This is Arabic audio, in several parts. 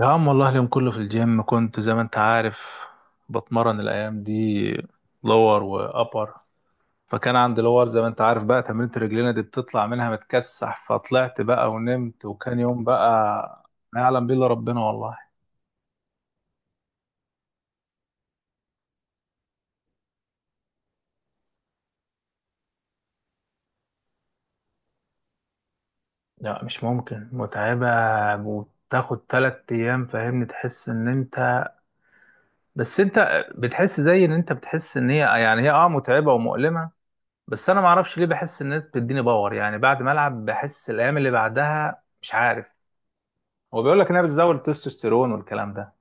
يا عم والله اليوم كله في الجيم كنت، زي ما انت عارف، بتمرن الايام دي لور وابر. فكان عندي لور، زي ما انت عارف، بقى تمرينة رجلينا دي بتطلع منها متكسح، فطلعت بقى ونمت، وكان يوم بقى ما يعلم بيه الا ربنا والله. لا، مش ممكن، متعبة وتاخد 3 ايام، فاهمني؟ تحس ان انت بس انت بتحس، زي ان انت بتحس ان هي يعني هي متعبة ومؤلمة. بس انا معرفش ليه بحس ان انت بتديني باور، يعني بعد ما العب بحس الايام اللي بعدها مش عارف. هو بيقول لك انها بتزود التستوستيرون والكلام ده.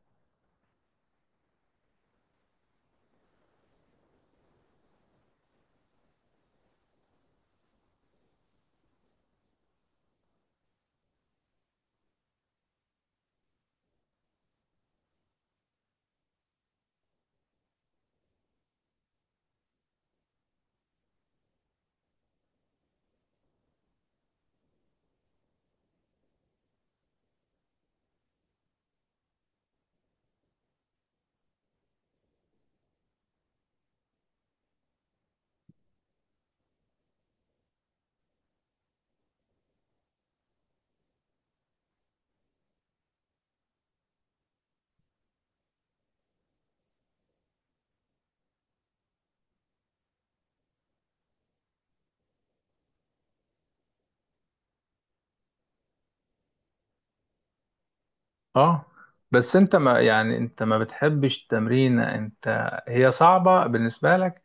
اه، بس انت ما بتحبش التمرين، انت هي صعبة بالنسبة لك،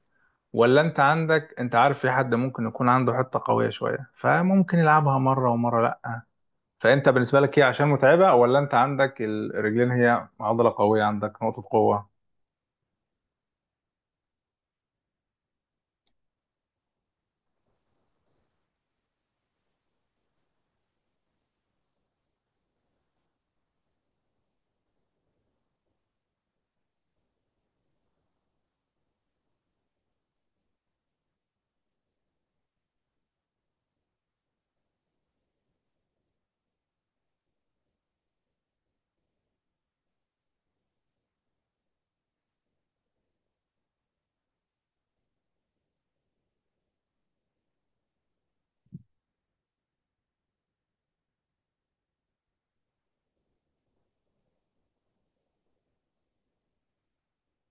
ولا انت عندك؟ انت عارف، في حد ممكن يكون عنده حتة قوية شوية فممكن يلعبها مرة، ومرة لا. فانت بالنسبة لك هي عشان متعبة، ولا انت عندك الرجلين هي عضلة قوية، عندك نقطة قوة؟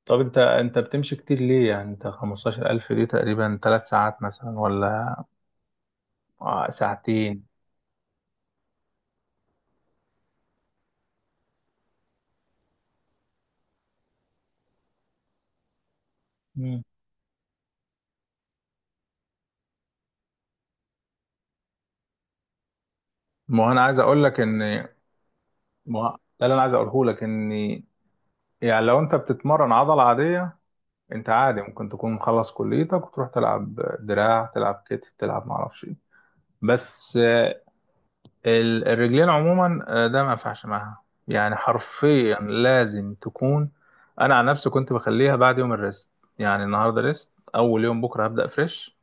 طب انت بتمشي كتير ليه؟ يعني انت 15000 دي تقريبا 3 ساعات مثلا، ولا ساعتين؟ مم. ما هو انا عايز اقول لك ان ما ده اللي انا عايز اقوله لك. ان يعني لو انت بتتمرن عضله عاديه، انت عادي ممكن تكون مخلص كليتك وتروح تلعب دراع، تلعب كتف، تلعب معرفش ايه. بس الرجلين عموما، ده ما ينفعش معاها، يعني حرفيا لازم تكون. انا عن نفسي كنت بخليها بعد يوم الريست. يعني النهارده ريست، اول يوم بكره هبدا فريش.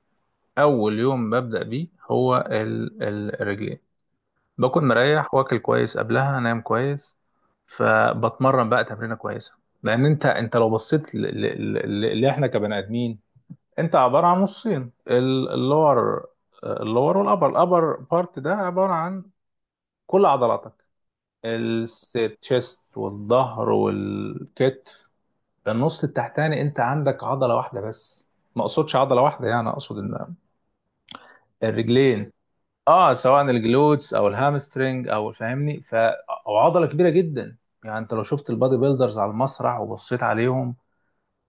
اول يوم ببدا بيه هو الرجلين. باكل مريح واكل كويس قبلها، انام كويس، فبتمرن بقى تمرينه كويسه. لان انت لو بصيت اللي احنا كبني ادمين، انت عباره عن نصين: اللور. اللور والابر، الابر بارت ده عباره عن كل عضلاتك، الشيست والظهر والكتف. النص التحتاني انت عندك عضله واحده بس. ما اقصدش عضله واحده، يعني اقصد ان الرجلين، اه، سواء الجلوتس او الهامسترنج او فاهمني، او عضله كبيره جدا. يعني انت لو شفت البادي بيلدرز على المسرح وبصيت عليهم،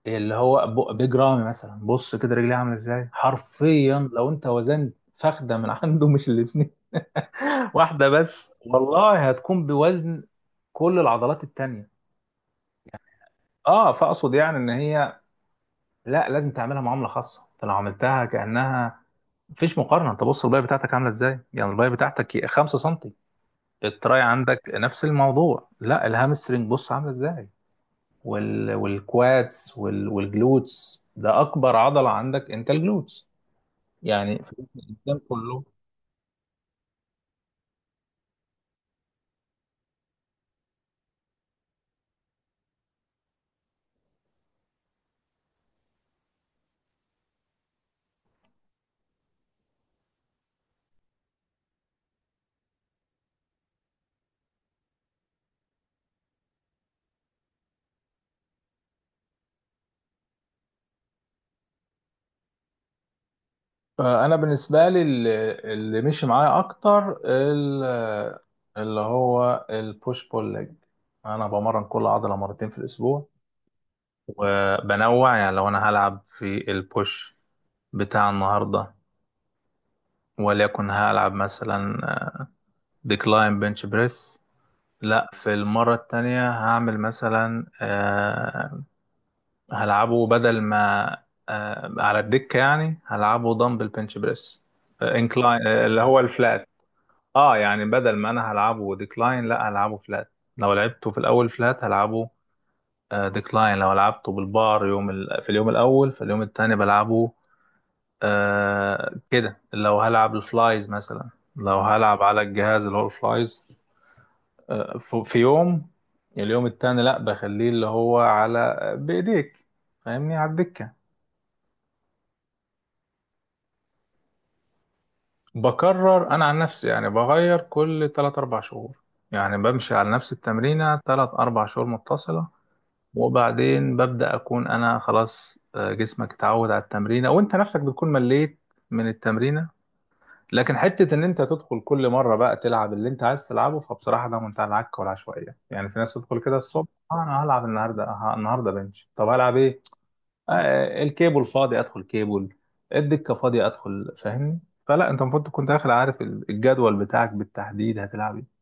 اللي هو بيج رامي مثلا، بص كده رجليه عامله ازاي. حرفيا لو انت وزنت فخده من عنده، مش الاثنين واحده بس والله، هتكون بوزن كل العضلات التانية. اه، فاقصد يعني ان هي، لا، لازم تعملها معامله خاصه. انت لو عملتها كانها، مفيش مقارنه. انت بص الباقي بتاعتك عامله ازاي، يعني الباقي بتاعتك 5 سم. التراي عندك نفس الموضوع، لا الهامسترنج بص عامله ازاي، والكوادس، والجلوتس، ده اكبر عضله عندك، انت الجلوتس يعني في جسم الانسان كله. فانا بالنسبه لي، اللي مشي معايا اكتر، اللي هو البوش بول ليج. انا بمرن كل عضله مرتين في الاسبوع، وبنوع. يعني لو انا هلعب في البوش بتاع النهارده، وليكن هلعب مثلا ديكلاين بنش بريس، لا في المرة التانية هعمل مثلا، هلعبه بدل ما، على الدكة، يعني هلعبه دمبل بنش بريس انكلاين، اللي هو الفلات. اه، يعني بدل ما انا هلعبه ديكلاين، لا هلعبه فلات. لو لعبته في الاول فلات، هلعبه ديكلاين. لو لعبته بالبار في اليوم الاول، في اليوم التاني بلعبه كده. لو هلعب الفلايز مثلا، لو هلعب على الجهاز اللي هو الفلايز، ف- في يوم اليوم التاني لا، بخليه اللي هو على بإيديك، فاهمني، على الدكة. بكرر أنا عن نفسي، يعني بغير كل 3-4 شهور. يعني بمشي على نفس التمرينة 3-4 شهور متصلة، وبعدين ببدأ أكون أنا خلاص، جسمك اتعود على التمرينة، وأنت نفسك بتكون مليت من التمرينة. لكن حتة إن أنت تدخل كل مرة بقى تلعب اللي أنت عايز تلعبه، فبصراحة ده منتهى العك والعشوائية. يعني في ناس تدخل كده الصبح، أنا هلعب النهاردة، النهاردة بنش، طب هلعب إيه؟ الكيبل فاضي ادخل كيبل، الدكه فاضيه ادخل، فاهمني. فلا، انت المفروض تكون داخل عارف الجدول بتاعك بالتحديد هتلعب ايه.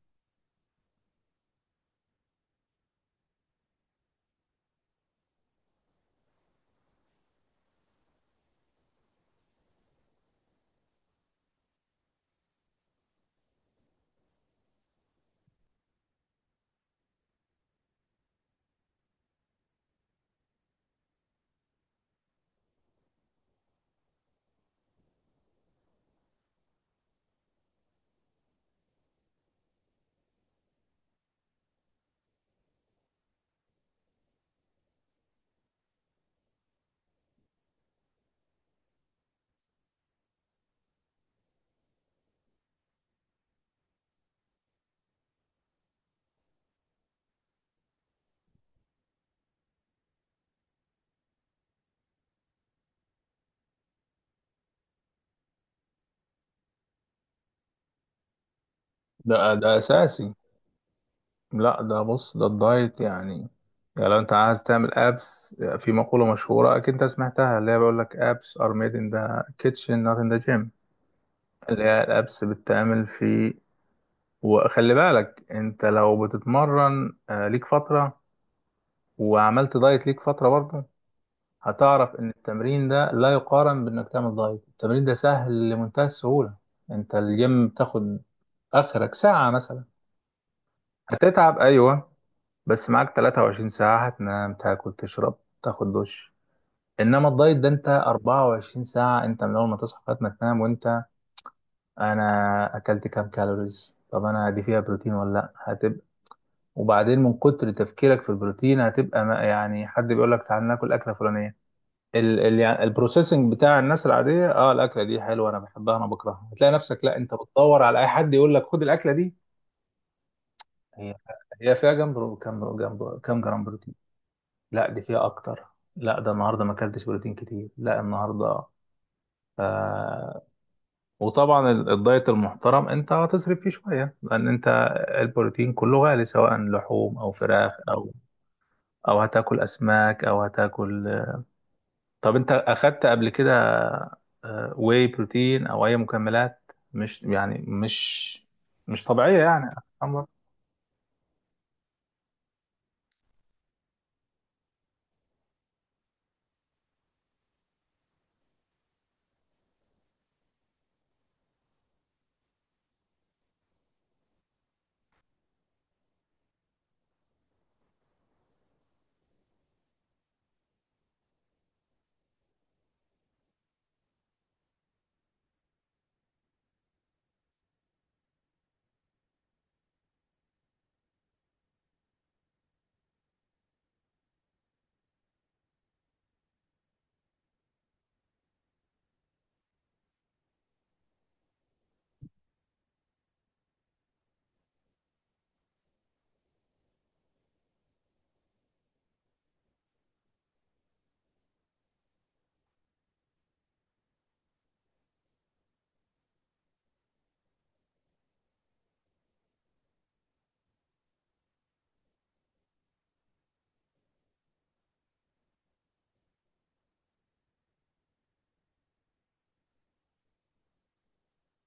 ده اساسي. لا، ده بص، ده الدايت يعني. يعني لو انت عايز تعمل ابس، في مقوله مشهوره اكيد انت سمعتها، اللي هي بيقول لك: ابس ار ميد ان ذا كيتشن، نوت ان ذا جيم. اللي هي الابس بتتعمل في. وخلي بالك، انت لو بتتمرن ليك فتره، وعملت دايت ليك فتره برضه، هتعرف ان التمرين ده لا يقارن بانك تعمل دايت. التمرين ده سهل لمنتهى السهولة. انت الجيم بتاخد اخرك ساعة مثلا، هتتعب ايوه، بس معاك 23 ساعة هتنام، تاكل، تشرب، تاخد دش. انما الدايت ده انت 24 ساعة، انت من اول ما تصحى لغاية ما تنام وانت: انا اكلت كام كالوريز؟ طب انا دي فيها بروتين ولا لا؟ هتبقى، وبعدين من كتر تفكيرك في البروتين، هتبقى يعني حد بيقول لك تعال ناكل اكله فلانيه، ال ال يعني البروسيسنج بتاع الناس العاديه، اه الاكله دي حلوه انا بحبها، انا بكرهها، هتلاقي نفسك لا، انت بتدور على اي حد يقول لك خد الاكله دي، هي هي فيها جنب برو- كم جنب كم جرام بروتين؟ لا، دي فيها اكتر. لا، ده النهارده ما اكلتش بروتين كتير، لا النهارده آه وطبعا الدايت المحترم انت هتصرف فيه شويه، لان انت البروتين كله غالي، سواء لحوم او فراخ، او هتاكل اسماك، او هتاكل طب انت اخدت قبل كده واي بروتين او اي مكملات؟ مش يعني مش مش طبيعية يعني. عمر.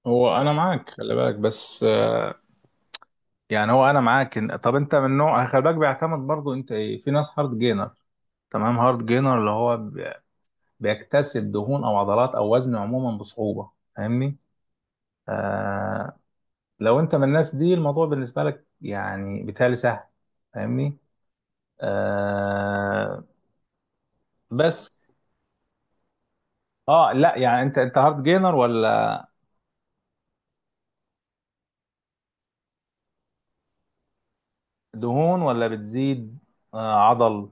هو انا معاك، خلي بالك، بس يعني هو انا معاك، طب انت من نوع، خلي بالك بيعتمد برضو انت ايه. في ناس هارد جينر، تمام؟ هارد جينر اللي هو بيكتسب دهون او عضلات او وزن عموما بصعوبة، فاهمني؟ آه لو انت من الناس دي، الموضوع بالنسبة لك يعني بالتالي سهل، فاهمني؟ آه بس، اه، لا يعني، انت هارد جينر، ولا دهون ولا بتزيد عضل؟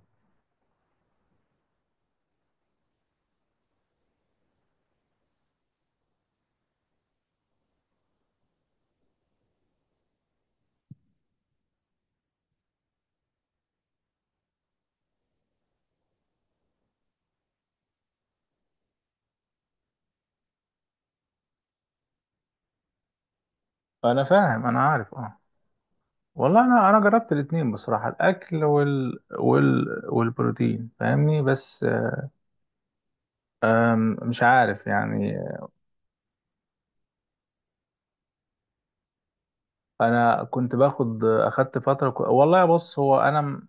انا فاهم، انا عارف، اه. والله انا جربت الاتنين بصراحة، الاكل والبروتين، فاهمني، بس مش عارف يعني. انا كنت باخد اخدت فترة والله، بص، هو انا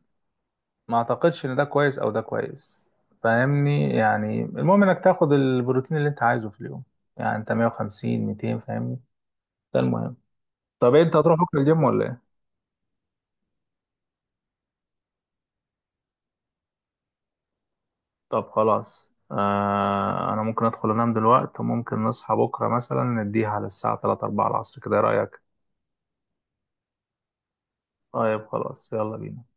ما اعتقدش ان ده كويس او ده كويس، فاهمني، يعني. المهم انك تاخد البروتين اللي انت عايزه في اليوم، يعني انت 150، 200، فاهمني، ده المهم. طب انت هتروح بكره الجيم ولا ايه؟ طب خلاص، انا ممكن ادخل انام دلوقتي، وممكن نصحى بكره مثلا نديها على الساعه 3، 4 العصر كده، إيه رايك؟ طيب خلاص، يلا بينا.